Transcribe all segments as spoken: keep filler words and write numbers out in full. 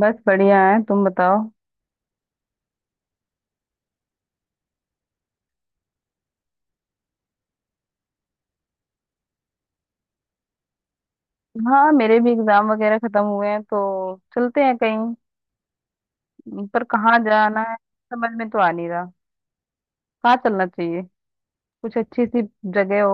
बस बढ़िया है, तुम बताओ। हाँ मेरे भी एग्जाम वगैरह खत्म हुए हैं तो चलते हैं कहीं। पर कहाँ जाना है समझ में तो आ नहीं रहा। कहाँ चलना चाहिए, कुछ अच्छी सी जगह हो।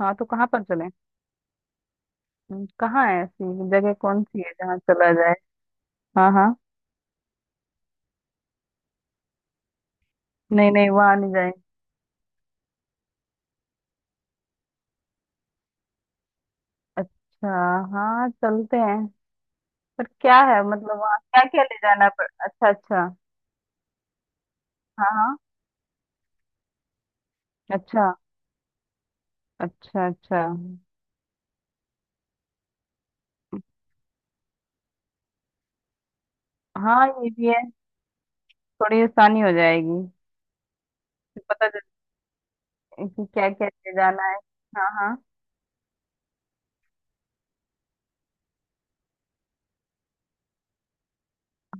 हाँ तो कहाँ पर चलें। हम्म, कहाँ है ऐसी जगह, कौन सी है जहाँ चला जाए। हाँ हाँ। नहीं नहीं, वहाँ नहीं जाएंगे। अच्छा, हाँ चलते हैं। पर क्या है, मतलब वहाँ क्या क्या ले जाना पड़। अच्छा अच्छा। हाँ हाँ। अच्छा, अच्छा अच्छा। हाँ ये भी है, थोड़ी आसानी हो जाएगी। फिर पता कि क्या क्या ले जाना है। हाँ हाँ।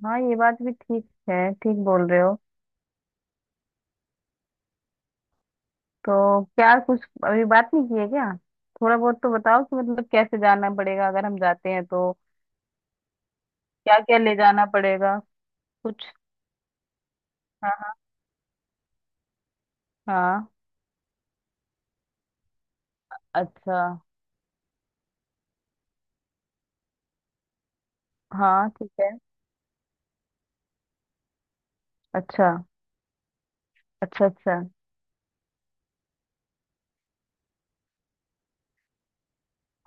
हाँ ये बात भी ठीक है, ठीक बोल रहे हो। तो क्या कुछ अभी बात नहीं की है क्या। थोड़ा बहुत तो बताओ कि मतलब कैसे जाना पड़ेगा अगर हम जाते हैं तो, क्या क्या ले जाना पड़ेगा कुछ। हाँ हाँ। अच्छा, हाँ ठीक है। अच्छा अच्छा। अच्छा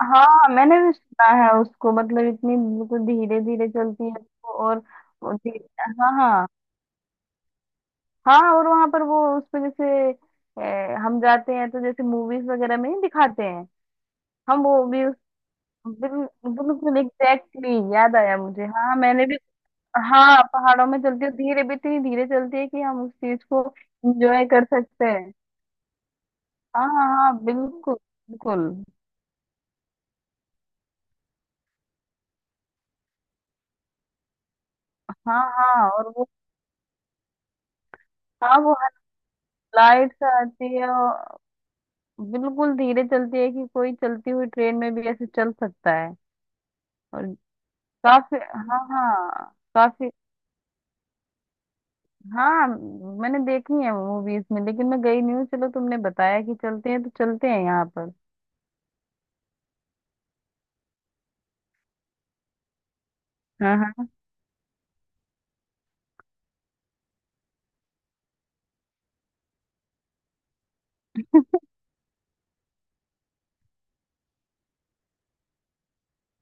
हाँ मैंने भी सुना है उसको, मतलब इतनी बिल्कुल धीरे धीरे चलती है। वो और वो धी- हाँ हाँ। हाँ और वहां पर वो उस पे जैसे ए, हम जाते हैं तो जैसे मूवीज वगैरह में ही दिखाते हैं। हम वो भी उस बिल- बिल्कुल एग्जैक्टली। याद आया मुझे, हाँ मैंने भी। हाँ पहाड़ों में चलती है, धीरे भी इतनी धीरे चलती है कि हम उस चीज को एंजॉय कर सकते हैं। हाँ हाँ हाँ, बिल्कुल। बिल्कुल। हाँ हाँ और वो, हाँ वो लाइट सा आती है और बिल्कुल धीरे चलती है कि कोई चलती हुई ट्रेन में भी ऐसे चल सकता है। और काफी, हाँ हाँ काफी। हाँ मैंने देखी है मूवीज में, लेकिन मैं गई नहीं हूँ। चलो तुमने बताया कि चलते हैं तो चलते हैं यहाँ पर। हाँ हाँ।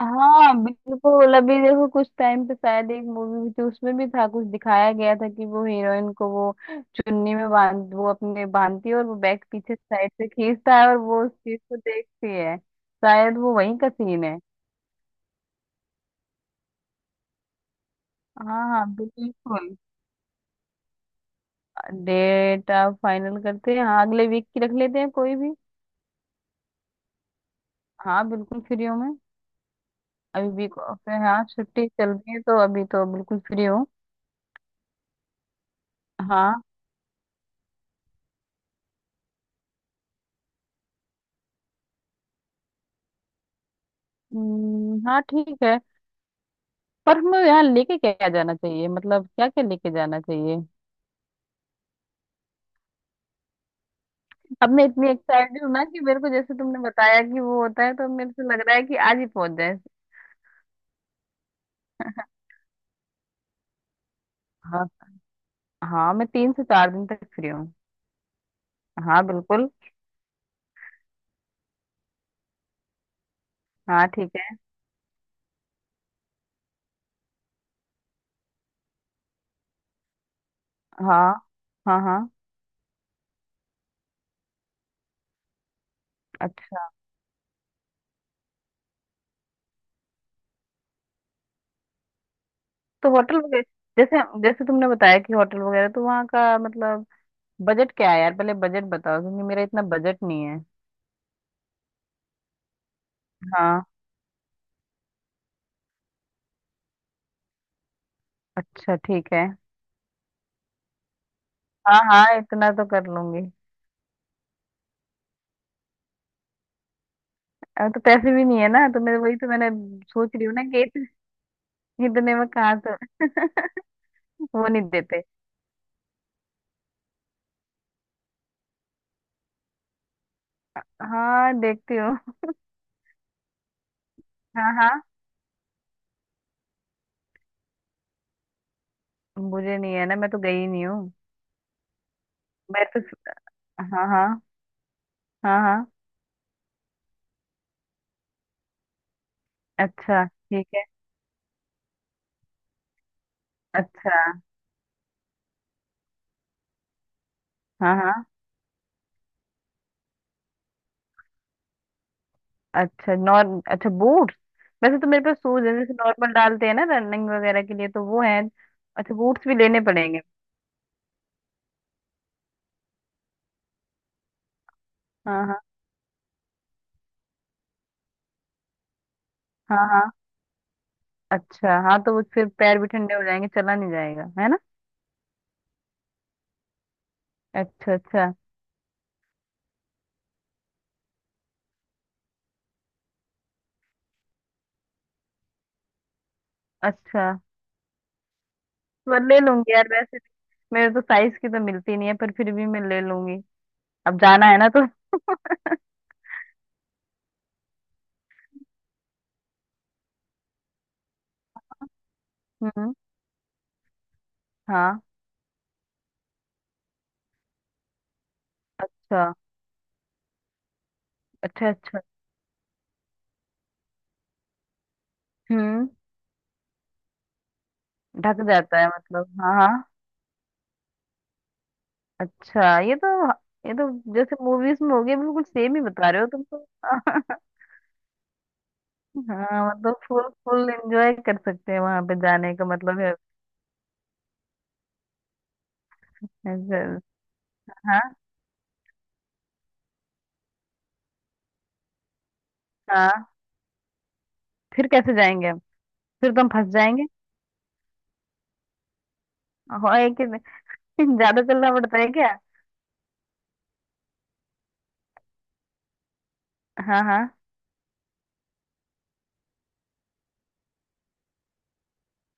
हाँ बिल्कुल, अभी देखो कुछ टाइम पे शायद एक मूवी भी थी, उसमें भी था, कुछ दिखाया गया था कि वो हीरोइन को वो चुन्नी में बांध वो अपने बांधती है, और वो बैग पीछे साइड से खींचता है और वो उस चीज को देखती है, शायद वो वही का सीन है। हाँ हाँ बिल्कुल। डेट आप फाइनल करते हैं, हाँ अगले वीक की रख लेते हैं कोई भी। हाँ बिल्कुल फ्री हूँ मैं। अभी वीक ऑफ है, हाँ छुट्टी चल रही है तो अभी तो बिल्कुल फ्री हूँ। हाँ। हम्म, हाँ ठीक है। पर हमें यहाँ लेके क्या जाना चाहिए, मतलब क्या क्या लेके जाना चाहिए। अब मैं इतनी एक्साइटेड हूँ ना कि मेरे को, जैसे तुमने बताया कि वो होता है, तो मेरे को लग रहा है कि आज ही पहुंच जाए। हाँ। हाँ मैं तीन से चार दिन तक फ्री हूँ। हाँ बिल्कुल। हाँ ठीक है। हाँ हाँ। हाँ। अच्छा। तो होटल वगैरह, जैसे जैसे तुमने बताया कि होटल वगैरह तो वहाँ का मतलब बजट क्या है यार, पहले बजट बताओ क्योंकि मेरा इतना बजट नहीं है। हाँ। अच्छा ठीक है। हाँ हाँ इतना तो कर लूंगी। अब तो पैसे भी नहीं है ना, तो मैं वही तो मैंने सोच रही हूँ ना कि इत, इतने में कहाँ से। वो नहीं देते। हाँ देखती हूँ। हाँ हाँ। मुझे नहीं है ना, मैं तो गई ही नहीं हूँ। मैं तो। हाँ हाँ। हाँ हाँ। अच्छा ठीक है। अच्छा। हाँ हाँ। अच्छा नॉर अच्छा बूट। वैसे तो मेरे पास शूज है, जैसे नॉर्मल डालते हैं ना रनिंग वगैरह के लिए, तो वो है। अच्छा, बूट्स भी लेने पड़ेंगे। हाँ हाँ। हाँ हाँ। अच्छा हाँ, तो वो फिर पैर भी ठंडे हो जाएंगे, चला नहीं जाएगा, है ना। अच्छा अच्छा। अच्छा। मैं ले लूंगी यार, वैसे मेरे तो साइज की तो मिलती नहीं है, पर फिर भी मैं ले लूंगी। अब जाना है ना तो। हम्म, हाँ। अच्छा अच्छा। अच्छा। हम्म ढक जाता है, मतलब हाँ हाँ। अच्छा ये तो, ये तो जैसे मूवीज में हो गया, बिल्कुल सेम ही बता रहे हो तुम तो। हाँ मतलब फुल फुल एंजॉय कर सकते हैं, वहां पे जाने का मतलब है। ऐसे- हाँ हाँ। फिर कैसे जाएंगे हम, फिर तो हम फंस जाएंगे। हाँ एक। ज्यादा चलना पड़ता है क्या। हाँ हाँ।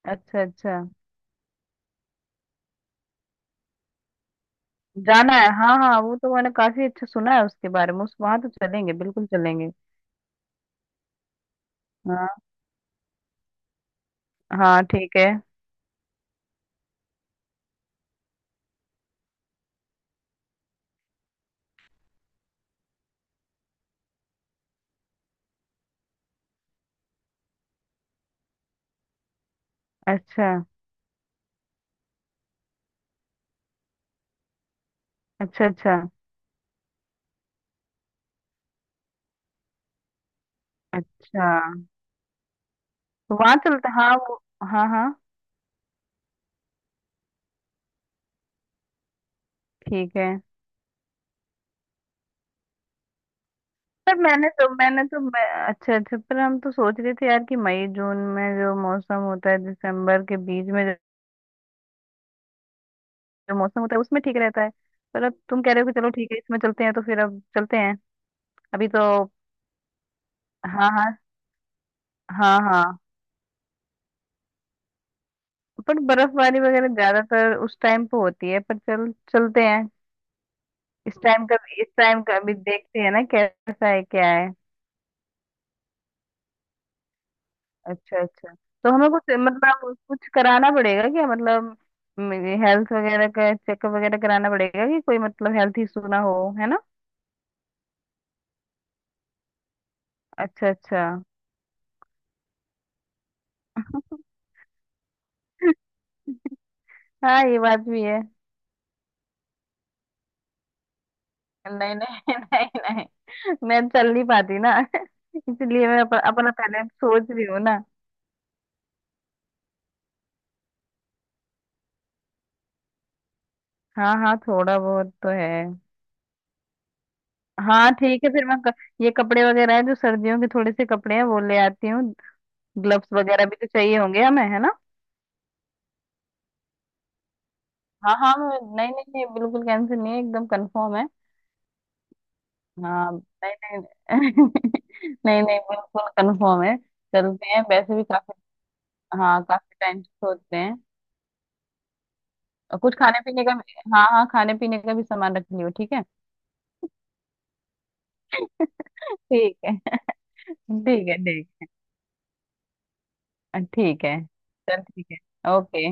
अच्छा अच्छा। जाना है, हाँ हाँ, वो तो मैंने काफी अच्छा सुना है उसके बारे में उस, वहां तो चलेंगे, बिल्कुल चलेंगे। हाँ हाँ ठीक है। अच्छा अच्छा। अच्छा अच्छा। तो वहां चलते, हाँ वो। हाँ हाँ ठीक है। पर मैंने तो मैंने तो मैं, अच्छा अच्छा, पर हम तो सोच रहे थे यार कि मई जून में जो मौसम होता है, दिसंबर के बीच में जो, जो मौसम होता है उसमें ठीक रहता है। पर अब तुम कह रहे हो कि चलो ठीक है इसमें चलते हैं, तो फिर अब चलते हैं। अभी तो। हाँ हाँ। हाँ हाँ। पर बर्फबारी वगैरह ज्यादातर उस टाइम पे होती है, पर चल चलते हैं। इस टाइम का, इस टाइम का अभी देखते हैं ना कैसा है क्या है। अच्छा अच्छा। तो हमें कुछ मतलब कुछ कराना पड़ेगा क्या, मतलब हेल्थ वगैरह का चेकअप वगैरह कराना पड़ेगा कि कोई मतलब हेल्थ इशू ना हो, है ना। अच्छा अच्छा। हाँ ये बात भी है। नहीं नहीं, नहीं नहीं, मैं चल नहीं पाती ना इसलिए मैं अप, अपना पहले सोच रही हूँ ना। हाँ हाँ, थोड़ा बहुत तो है। हाँ ठीक है, फिर मैं क... ये कपड़े वगैरह है जो सर्दियों के, थोड़े से कपड़े हैं वो ले आती हूँ। ग्लव्स वगैरह भी तो चाहिए होंगे हमें, है ना। हाँ हाँ मैं- नहीं नहीं नहीं, बिल्कुल कैंसिल नहीं है, एकदम कंफर्म है। हाँ। नहीं। नहीं। नहीं नहीं बिल्कुल कंफर्म है। चलते हैं वैसे भी काफी, हाँ काफी टाइम से सोचते हैं। और कुछ खाने पीने का भी- हाँ हाँ, खाने पीने का भी सामान रख लियो, ठीक है। ठीक है। ठीक है। ठीक, ठीक है, चल ठीक है, ओके।